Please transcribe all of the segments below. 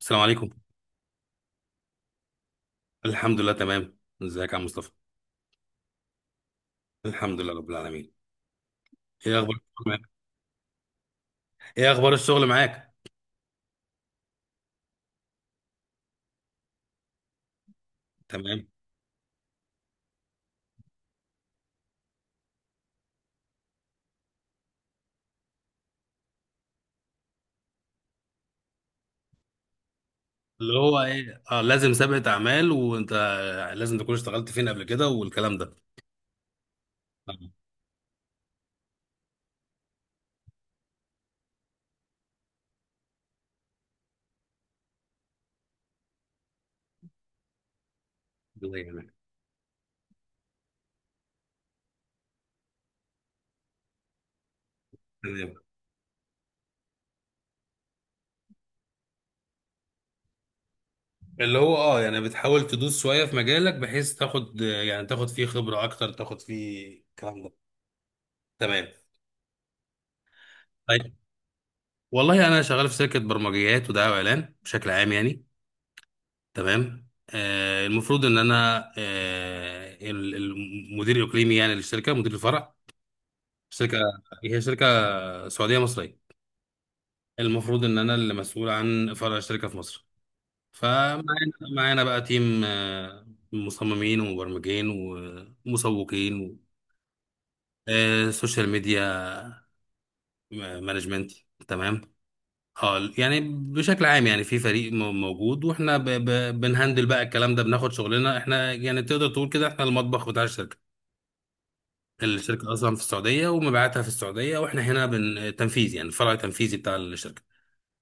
السلام عليكم. الحمد لله تمام، ازيك يا عم مصطفى؟ الحمد لله رب العالمين. ايه اخبار الشغل معاك؟ ايه اخبار الشغل معاك؟ تمام. اللي هو ايه اه لازم سابقة اعمال، وانت لازم تكون اشتغلت فين قبل كده والكلام ده. تمام. الله يعينك. تمام. اللي هو اه يعني بتحاول تدوس شوية في مجالك بحيث تاخد يعني تاخد فيه خبرة اكتر، تاخد فيه الكلام ده. تمام. طيب، والله انا شغال في شركة برمجيات ودعاية واعلان بشكل عام يعني. تمام، المفروض ان انا المدير الاقليمي يعني للشركه، مدير الفرع. شركه، هي شركه سعوديه مصريه. المفروض ان انا اللي مسؤول عن فرع الشركه في مصر. فمعانا، معانا بقى تيم، مصممين ومبرمجين ومسوقين سوشيال ميديا مانجمنت. تمام. اه يعني بشكل عام، يعني في فريق موجود، واحنا بنهندل بقى الكلام ده، بناخد شغلنا احنا، يعني تقدر تقول كده احنا المطبخ بتاع الشركه. الشركه اصلا في السعوديه ومبيعاتها في السعوديه، واحنا هنا بن تنفيذ، يعني الفرع التنفيذي بتاع الشركه.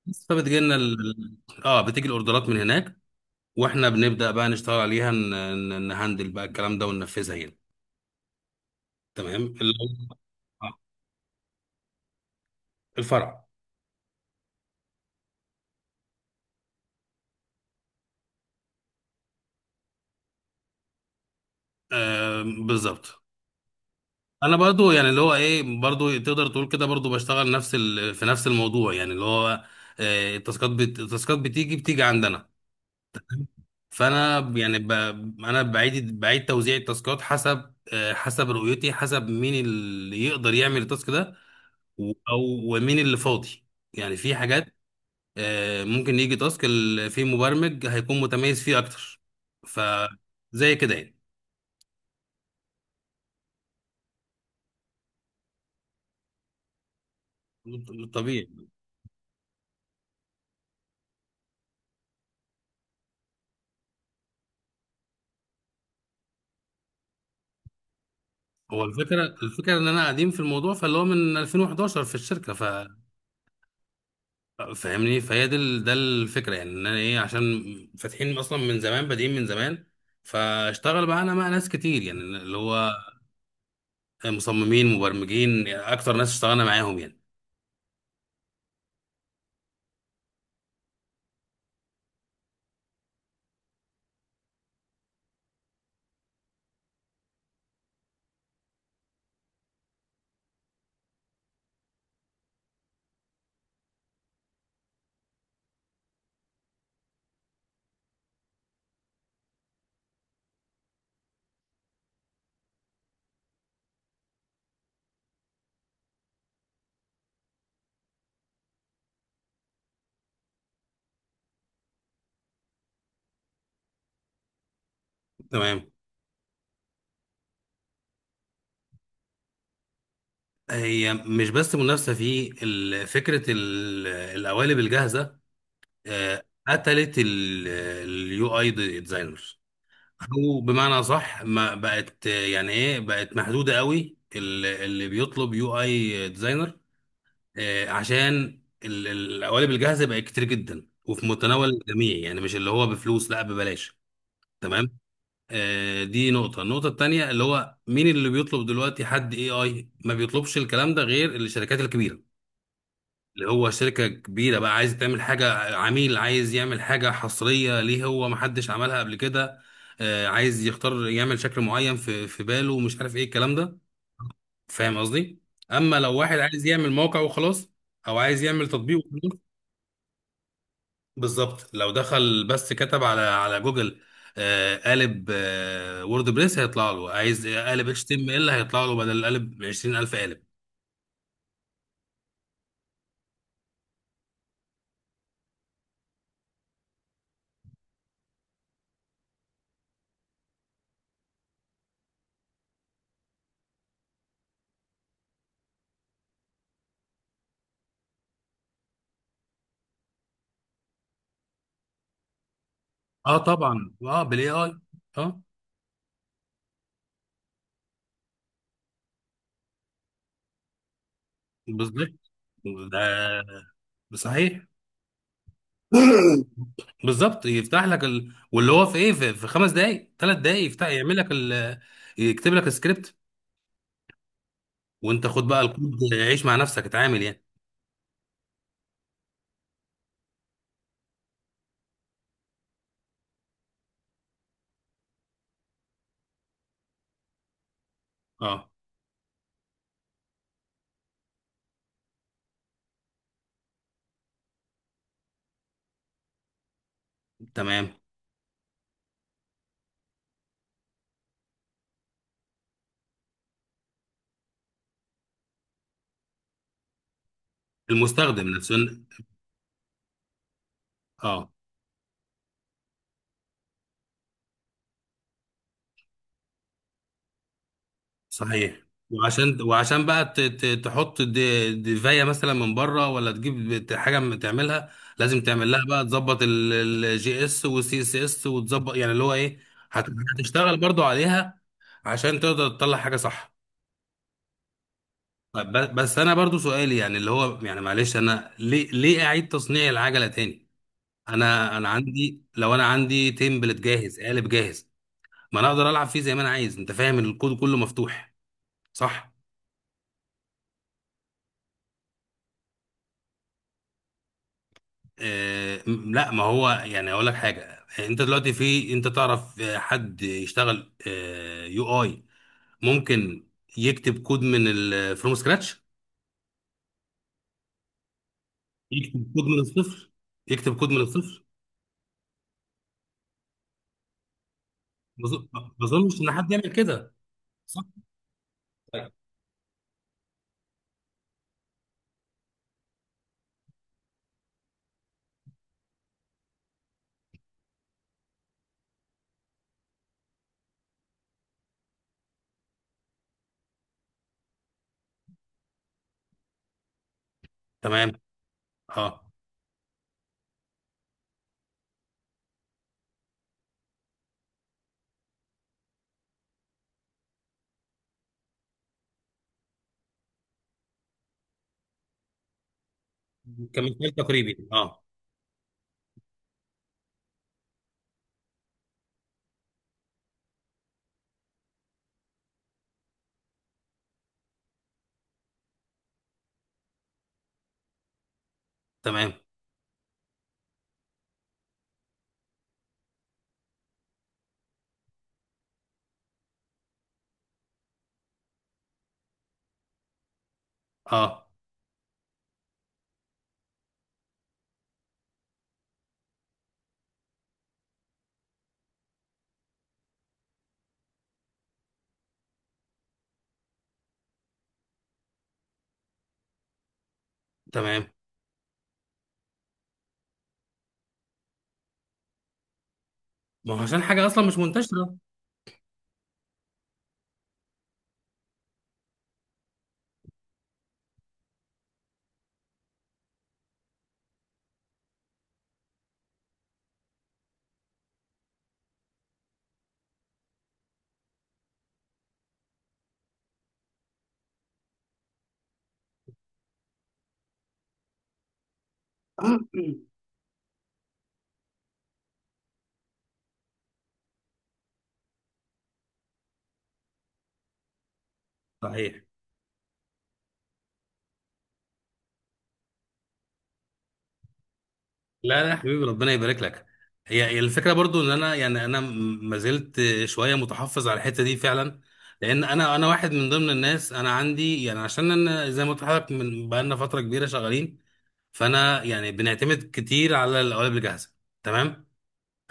بس فبتجي لنا اه بتيجي الاوردرات من هناك، واحنا بنبدا بقى نشتغل عليها، نهندل بقى الكلام ده وننفذها هنا. تمام، اللي هو آه، الفرع. بالظبط. انا برضو يعني اللي هو ايه، برضو تقدر تقول كده برضو بشتغل في نفس الموضوع، يعني اللي هو التاسكات بتيجي عندنا. فانا يعني ب... انا بعيد توزيع التاسكات حسب حسب رؤيتي، حسب مين اللي يقدر يعمل التاسك ده او ومين اللي فاضي. يعني في حاجات ممكن يجي في مبرمج هيكون متميز فيه اكتر. ف زي كده يعني. طبيعي. هو الفكره ان انا قديم في الموضوع، فاللي هو من 2011 في الشركه. فاهمني. ده الفكره، يعني ان انا ايه عشان فاتحين اصلا من زمان، بادئين من زمان، فاشتغل معانا مع ناس كتير، يعني اللي هو مصممين مبرمجين، يعني اكتر ناس اشتغلنا معاهم يعني. تمام. هي مش بس منافسه في فكره القوالب الجاهزه، قتلت اليو اي ديزاينرز. او بمعنى صح، ما بقت آه، يعني ايه بقت محدوده قوي، اللي بيطلب يو اي ديزاينر، عشان القوالب الجاهزه بقت كتير جدا وفي متناول الجميع، يعني مش اللي هو بفلوس، لا ببلاش. تمام. دي نقطه. النقطه التانيه اللي هو مين اللي بيطلب دلوقتي؟ حد اي اي ما بيطلبش الكلام ده غير الشركات الكبيره، اللي هو شركه كبيره بقى عايز تعمل حاجه، عميل عايز يعمل حاجه حصريه ليه، هو ما حدش عملها قبل كده، عايز يختار يعمل شكل معين في باله، ومش عارف ايه الكلام ده. فاهم قصدي؟ اما لو واحد عايز يعمل موقع وخلاص، او عايز يعمل تطبيق. بالظبط، لو دخل بس كتب على جوجل قالب ووردبريس، هيطلع له. عايز قالب اتش تي ام ال، هيطلع له بدل القالب 20,000 قالب. اه طبعا، اه بالاي اي. اه بالظبط ده. صحيح. بالظبط، يفتح لك واللي هو في ايه، في خمس دقائق، ثلاث دقائق يفتح، يعمل لك يكتب لك السكريبت. وانت خد بقى الكود، عيش مع نفسك، اتعامل يعني. اه تمام. المستخدم نفسه. اه. صحيح. وعشان بقى تحط دفايه مثلا من بره، ولا تجيب حاجه من تعملها، لازم تعمل لها بقى، تظبط الجي اس والسي اس اس، وتظبط يعني اللي هو ايه، هت- هتشتغل برضو عليها عشان تقدر تطلع حاجه صح. طيب، بس انا برضو سؤالي يعني اللي هو، يعني معلش، انا ليه اعيد تصنيع العجله تاني؟ انا عندي، لو انا عندي تمبلت جاهز، قالب جاهز، ما انا اقدر العب فيه زي ما انا عايز، انت فاهم، الكود كله مفتوح. صح. لا، ما هو يعني اقول لك حاجه، انت دلوقتي في، انت تعرف حد يشتغل يو اي، ممكن يكتب كود من ال فروم سكراتش. يكتب كود من الصفر. يكتب كود من الصفر. ما اظنش ان حد يعمل كده. صح. طيب. تمام. اه، كمثال تقريبي. اه تمام. اه تمام. ما هو عشان حاجه اصلا مش منتشره. صحيح. لا لا يا حبيبي، ربنا يبارك لك. هي هي الفكره برضو ان انا يعني ما زلت شويه متحفظ على الحته دي فعلا. لان انا واحد من ضمن الناس، انا عندي يعني، عشان انا زي ما قلت لحضرتك من بقالنا فتره كبيره شغالين، فانا يعني بنعتمد كتير على القوالب الجاهزه. تمام.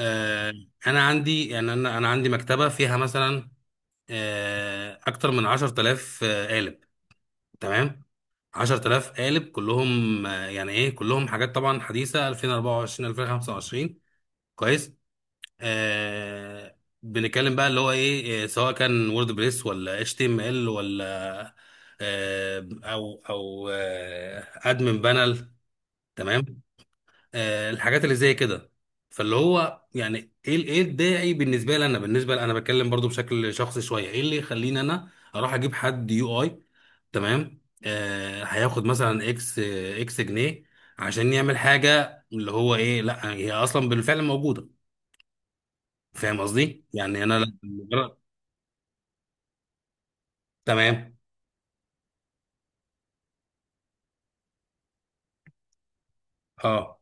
آه. انا عندي، يعني انا عندي مكتبه فيها مثلا اكتر من 10,000 قالب. تمام. 10,000 قالب كلهم يعني ايه، كلهم حاجات طبعا حديثه، 2024 2025. كويس. آه، بنتكلم بقى اللي هو ايه، سواء كان وورد بريس، ولا اتش تي ام ال، ولا او ادمن بانل. تمام. الحاجات اللي زي كده. فاللي هو يعني ايه، ايه الداعي بالنسبه لي انا، بالنسبه لي انا بتكلم برضو بشكل شخصي شويه، ايه اللي يخليني انا اروح اجيب حد يو اي، تمام، هياخد مثلا اكس اكس جنيه عشان يعمل حاجه، اللي هو ايه، لا هي اصلا بالفعل موجوده. فاهم قصدي؟ يعني انا لا- مجرد. تمام. اه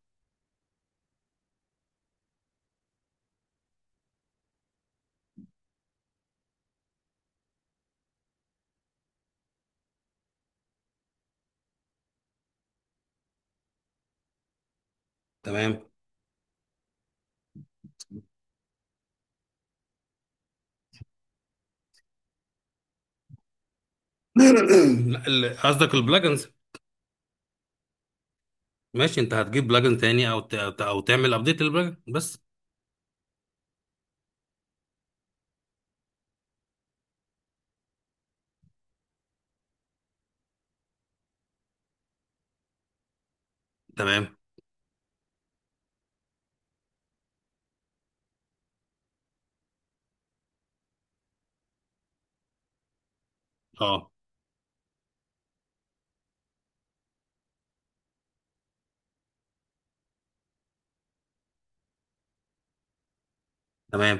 تمام. لا، قصدك البلاجنز. ماشي، انت هتجيب بلاجن تاني، او او تعمل ابديت للبلاجن بس. تمام. اه تمام.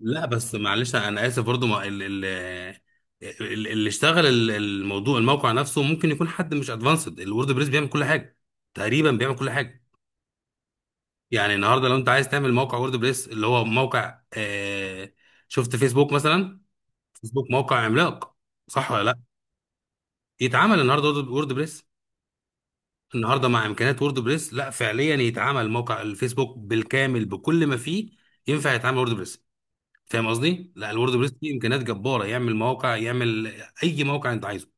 لا بس معلش، انا اسف برضو، ما اللي اشتغل الموضوع، الموقع نفسه ممكن يكون حد مش ادفانسد، الورد بريس بيعمل كل حاجه، تقريبا بيعمل كل حاجه. يعني النهارده لو انت عايز تعمل موقع وورد بريس، اللي هو موقع آه، شفت فيسبوك مثلا؟ فيسبوك موقع عملاق، صح ولا؟ يتعامل النهارده وورد بريس، النهارده مع امكانيات وورد بريس، لا، فعليا يتعامل موقع الفيسبوك بالكامل بكل ما فيه؟ ينفع يتعامل وورد بريس؟ فاهم قصدي؟ لا، الوورد بريس فيه امكانيات جباره، يعمل مواقع، يعمل اي موقع انت عايزه،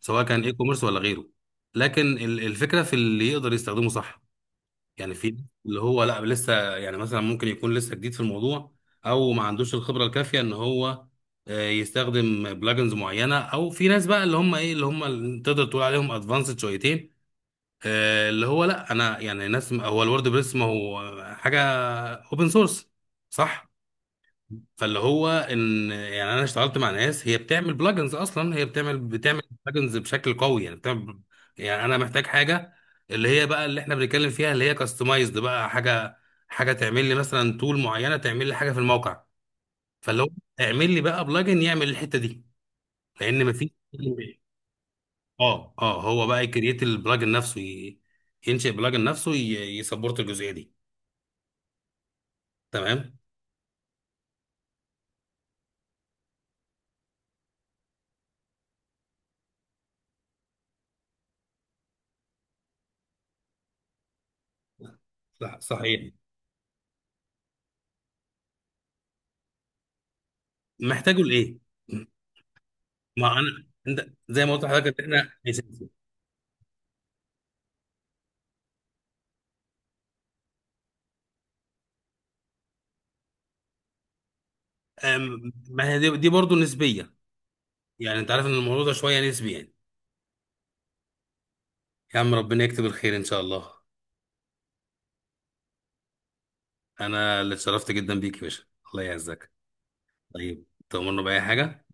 سواء كان اي كوميرس ولا غيره. لكن الفكره في اللي يقدر يستخدمه صح. يعني في اللي هو لا، لسه يعني مثلا ممكن يكون لسه جديد في الموضوع، او ما عندوش الخبره الكافيه ان هو يستخدم بلجنز معينه، او في ناس بقى اللي هم ايه، اللي هم اللي تقدر تقول عليهم ادفانسد شويتين، اللي هو لا انا يعني ناس، هو الورد بريس ما هو حاجه اوبن سورس، صح. فاللي هو ان يعني انا اشتغلت مع ناس هي بتعمل بلجنز اصلا، هي بتعمل بلجنز بشكل قوي، يعني بتعمل، يعني انا محتاج حاجه اللي هي بقى اللي احنا بنتكلم فيها، اللي هي كاستمايزد بقى حاجه، حاجه تعمل لي مثلا تول معينه، تعمل لي حاجه في الموقع. فاللي هو اعمل لي بقى بلجن يعمل الحته دي، لان مفيش اه اه هو بقى يكريت البلجن نفسه، ينشئ بلجن نفسه، يسبورت الجزئيه دي. تمام. صح صحيح. محتاجه لايه. ما انا انت زي ما قلت لحضرتك ان احنا اساسي. ما هي دي برضه نسبيه. يعني انت عارف ان الموضوع ده شويه نسبي يعني. يا عم ربنا يكتب الخير ان شاء الله. انا اللي اتشرفت جدا بيك يا باشا. الله يعزك. طيب تؤمرنا باي حاجه.